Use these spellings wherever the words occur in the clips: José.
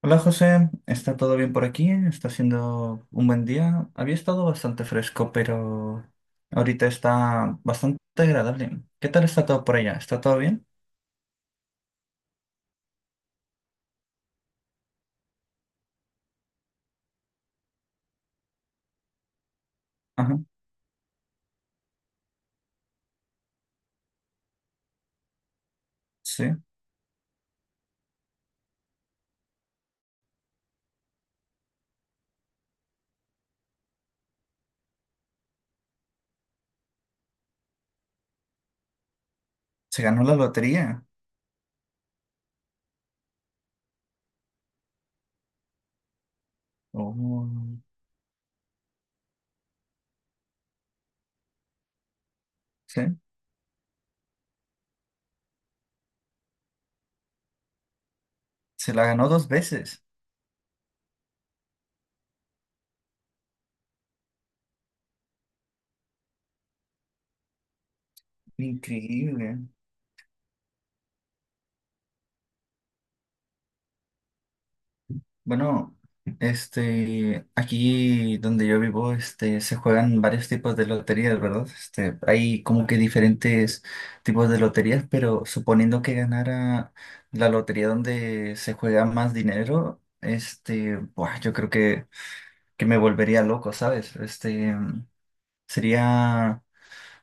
Hola José, ¿está todo bien por aquí? Está siendo un buen día. Había estado bastante fresco, pero ahorita está bastante agradable. ¿Qué tal está todo por allá? ¿Está todo bien? Ajá, sí. Se ganó la lotería. Oh, sí. Se la ganó dos veces. Increíble. Bueno, aquí donde yo vivo, se juegan varios tipos de loterías, ¿verdad? Este, hay como que diferentes tipos de loterías, pero suponiendo que ganara la lotería donde se juega más dinero, buah, yo creo que me volvería loco, ¿sabes? Este, sería.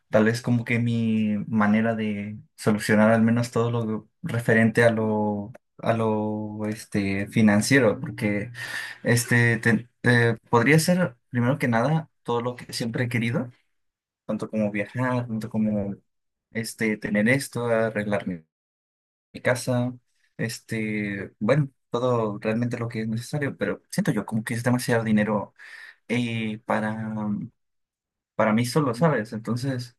Tal vez como que mi manera de solucionar al menos todo lo referente a lo financiero, porque podría ser primero que nada todo lo que siempre he querido, tanto como viajar, tanto como tener esto, arreglar mi casa, este, bueno, todo realmente lo que es necesario, pero siento yo como que es demasiado dinero eh, para para mí solo, ¿sabes? Entonces,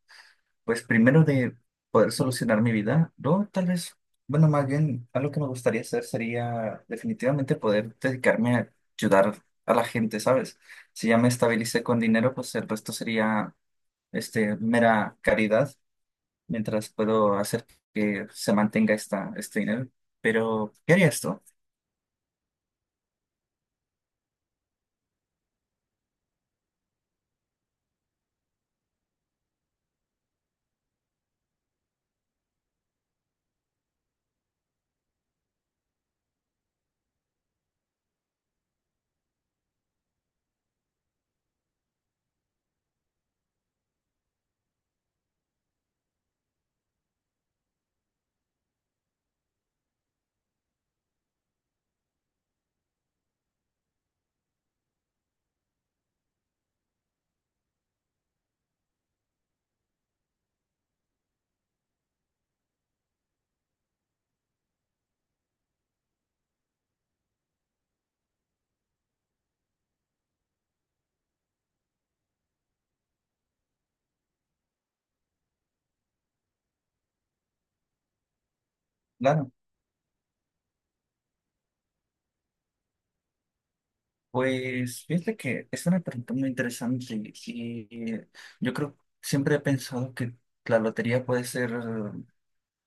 pues primero de poder solucionar mi vida, no tal vez, bueno, más bien algo que me gustaría hacer sería definitivamente poder dedicarme a ayudar a la gente, ¿sabes? Si ya me estabilicé con dinero, pues el resto sería mera caridad, mientras puedo hacer que se mantenga este dinero. Pero, ¿qué haría esto? Claro. Pues fíjate que es una pregunta muy interesante y yo creo, siempre he pensado que la lotería puede ser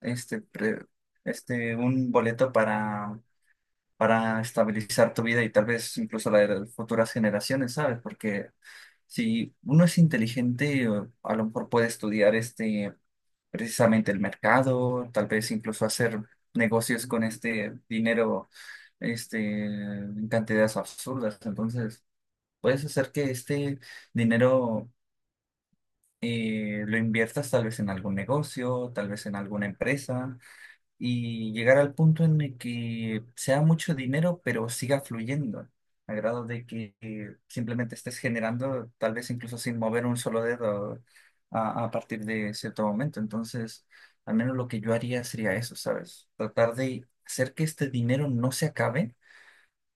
este, pre- un boleto para estabilizar tu vida y tal vez incluso la de las futuras generaciones, ¿sabes? Porque si uno es inteligente, o a lo mejor puede estudiar precisamente el mercado, tal vez incluso hacer negocios con este dinero, en cantidades absurdas. Entonces, puedes hacer que este dinero, lo inviertas tal vez en algún negocio, tal vez en alguna empresa, y llegar al punto en el que sea mucho dinero, pero siga fluyendo, a grado de que simplemente estés generando, tal vez incluso sin mover un solo dedo a partir de cierto momento. Entonces, al menos lo que yo haría sería eso, ¿sabes? Tratar de hacer que este dinero no se acabe,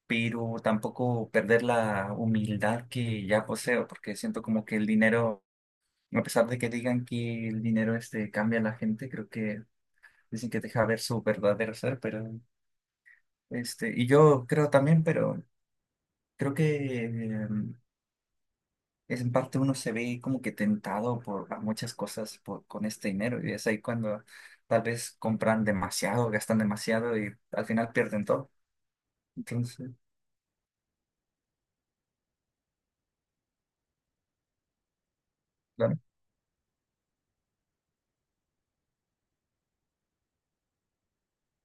pero tampoco perder la humildad que ya poseo, porque siento como que el dinero, a pesar de que digan que el dinero cambia a la gente, creo que dicen que deja ver su verdadero ser, pero y yo creo también, pero creo que es en parte uno se ve como que tentado por a muchas cosas por, con este dinero, y es ahí cuando tal vez compran demasiado, gastan demasiado y al final pierden todo. Entonces, claro,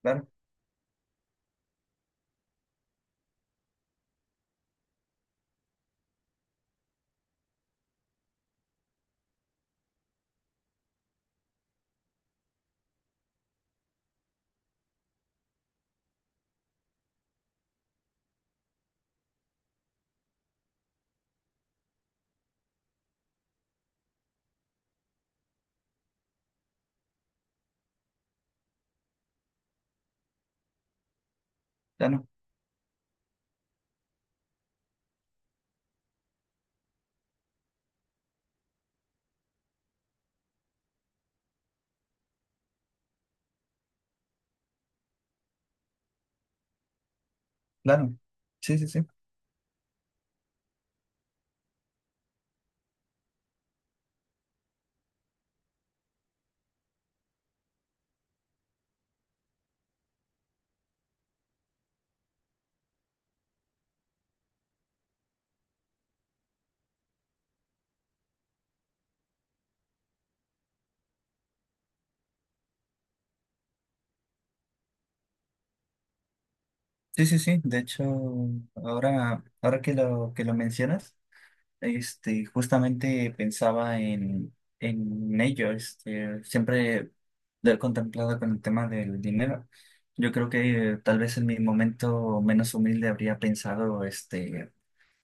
claro, claro, claro. Sí, sí, sí. Sí, sí, sí. De hecho, ahora que que lo mencionas, justamente pensaba en ello. Este, siempre lo he contemplado con el tema del dinero. Yo creo que, tal vez en mi momento menos humilde habría pensado este,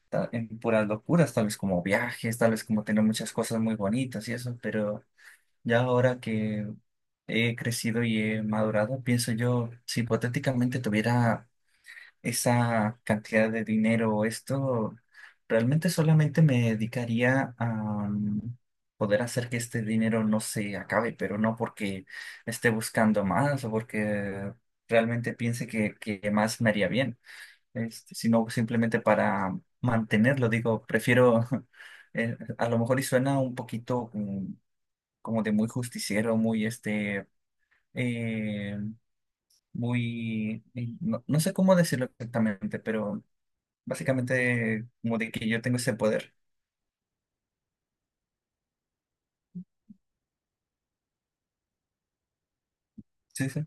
ta- en puras locuras, tal vez como viajes, tal vez como tener muchas cosas muy bonitas y eso, pero ya ahora que he crecido y he madurado, pienso yo, si hipotéticamente tuviera esa cantidad de dinero o esto, realmente solamente me dedicaría a mm, poder hacer que este dinero no se acabe, pero no porque esté buscando más o porque realmente piense que más me haría bien, este, sino simplemente para mantenerlo. Digo, prefiero, a lo mejor y suena un poquito como de muy justiciero, muy eh, muy, no sé cómo decirlo exactamente, pero básicamente, como de que yo tengo ese poder. Sí, sí.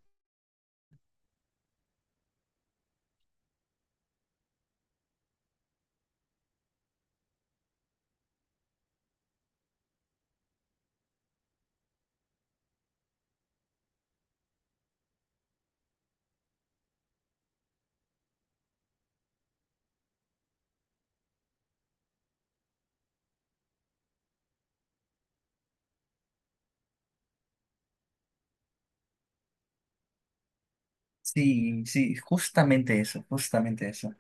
Sí, sí, justamente eso, justamente eso.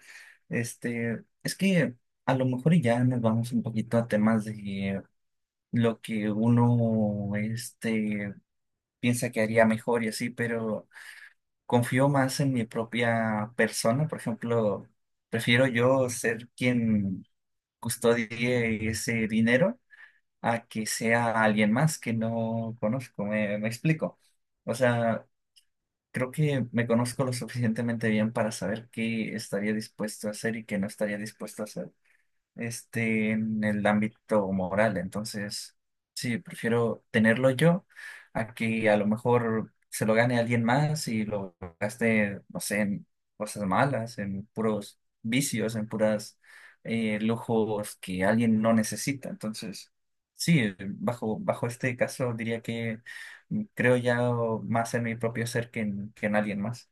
Este, es que a lo mejor ya nos vamos un poquito a temas de lo que uno, piensa que haría mejor y así, pero confío más en mi propia persona. Por ejemplo, prefiero yo ser quien custodie ese dinero a que sea alguien más que no conozco. Me explico. O sea, creo que me conozco lo suficientemente bien para saber qué estaría dispuesto a hacer y qué no estaría dispuesto a hacer en el ámbito moral. Entonces, sí, prefiero tenerlo yo a que a lo mejor se lo gane alguien más y lo gaste, no sé, en cosas malas, en puros vicios, en puras lujos que alguien no necesita. Entonces, sí, bajo este caso diría que creo ya más en mi propio ser que que en alguien más.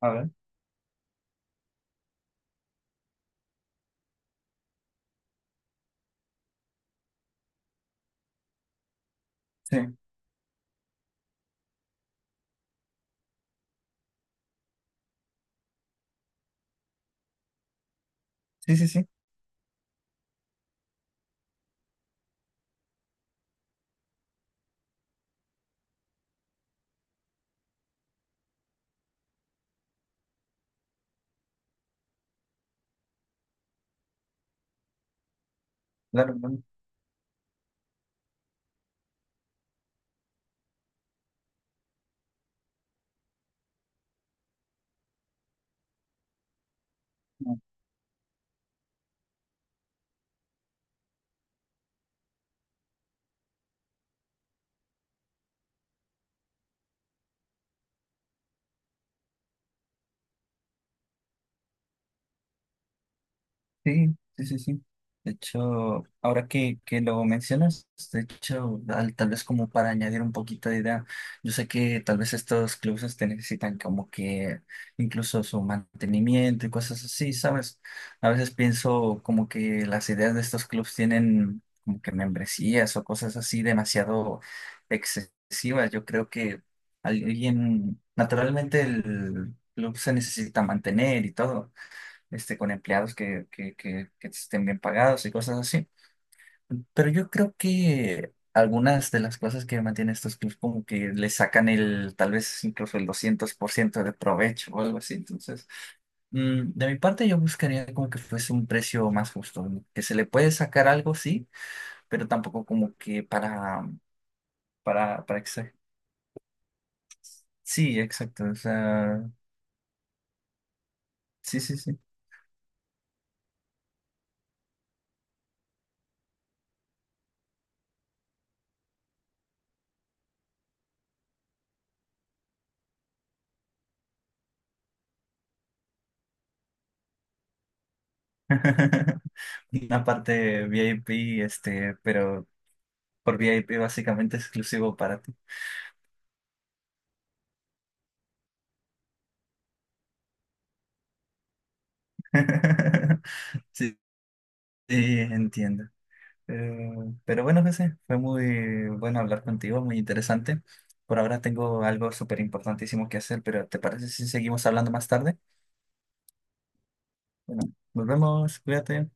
A ver, sí, sí, sí, sí, claro. Claro. Sí, sí, sí, sí. De hecho, que lo mencionas, de hecho, tal vez como para añadir un poquito de idea, yo sé que tal vez estos clubes necesitan como que incluso su mantenimiento y cosas así, ¿sabes? A veces pienso como que las ideas de estos clubes tienen como que membresías o cosas así demasiado excesivas. Yo creo que alguien, naturalmente el club se necesita mantener y todo con empleados que estén bien pagados y cosas así. Pero yo creo que algunas de las cosas que mantienen estos clubs como que le sacan el, tal vez incluso el 200% de provecho o algo así. Entonces, de mi parte yo buscaría como que fuese un precio más justo, ¿no? Que se le puede sacar algo, sí, pero tampoco como que para, para exa- sí, exacto. O sea, sí, sí, sí. Una parte VIP, este, pero por VIP básicamente exclusivo para ti. Sí, sí, entiendo. Pero bueno, José, fue muy bueno hablar contigo, muy interesante. Por ahora tengo algo súper importantísimo que hacer, pero ¿te parece si seguimos hablando más tarde? Bueno, nos vemos, cuídate.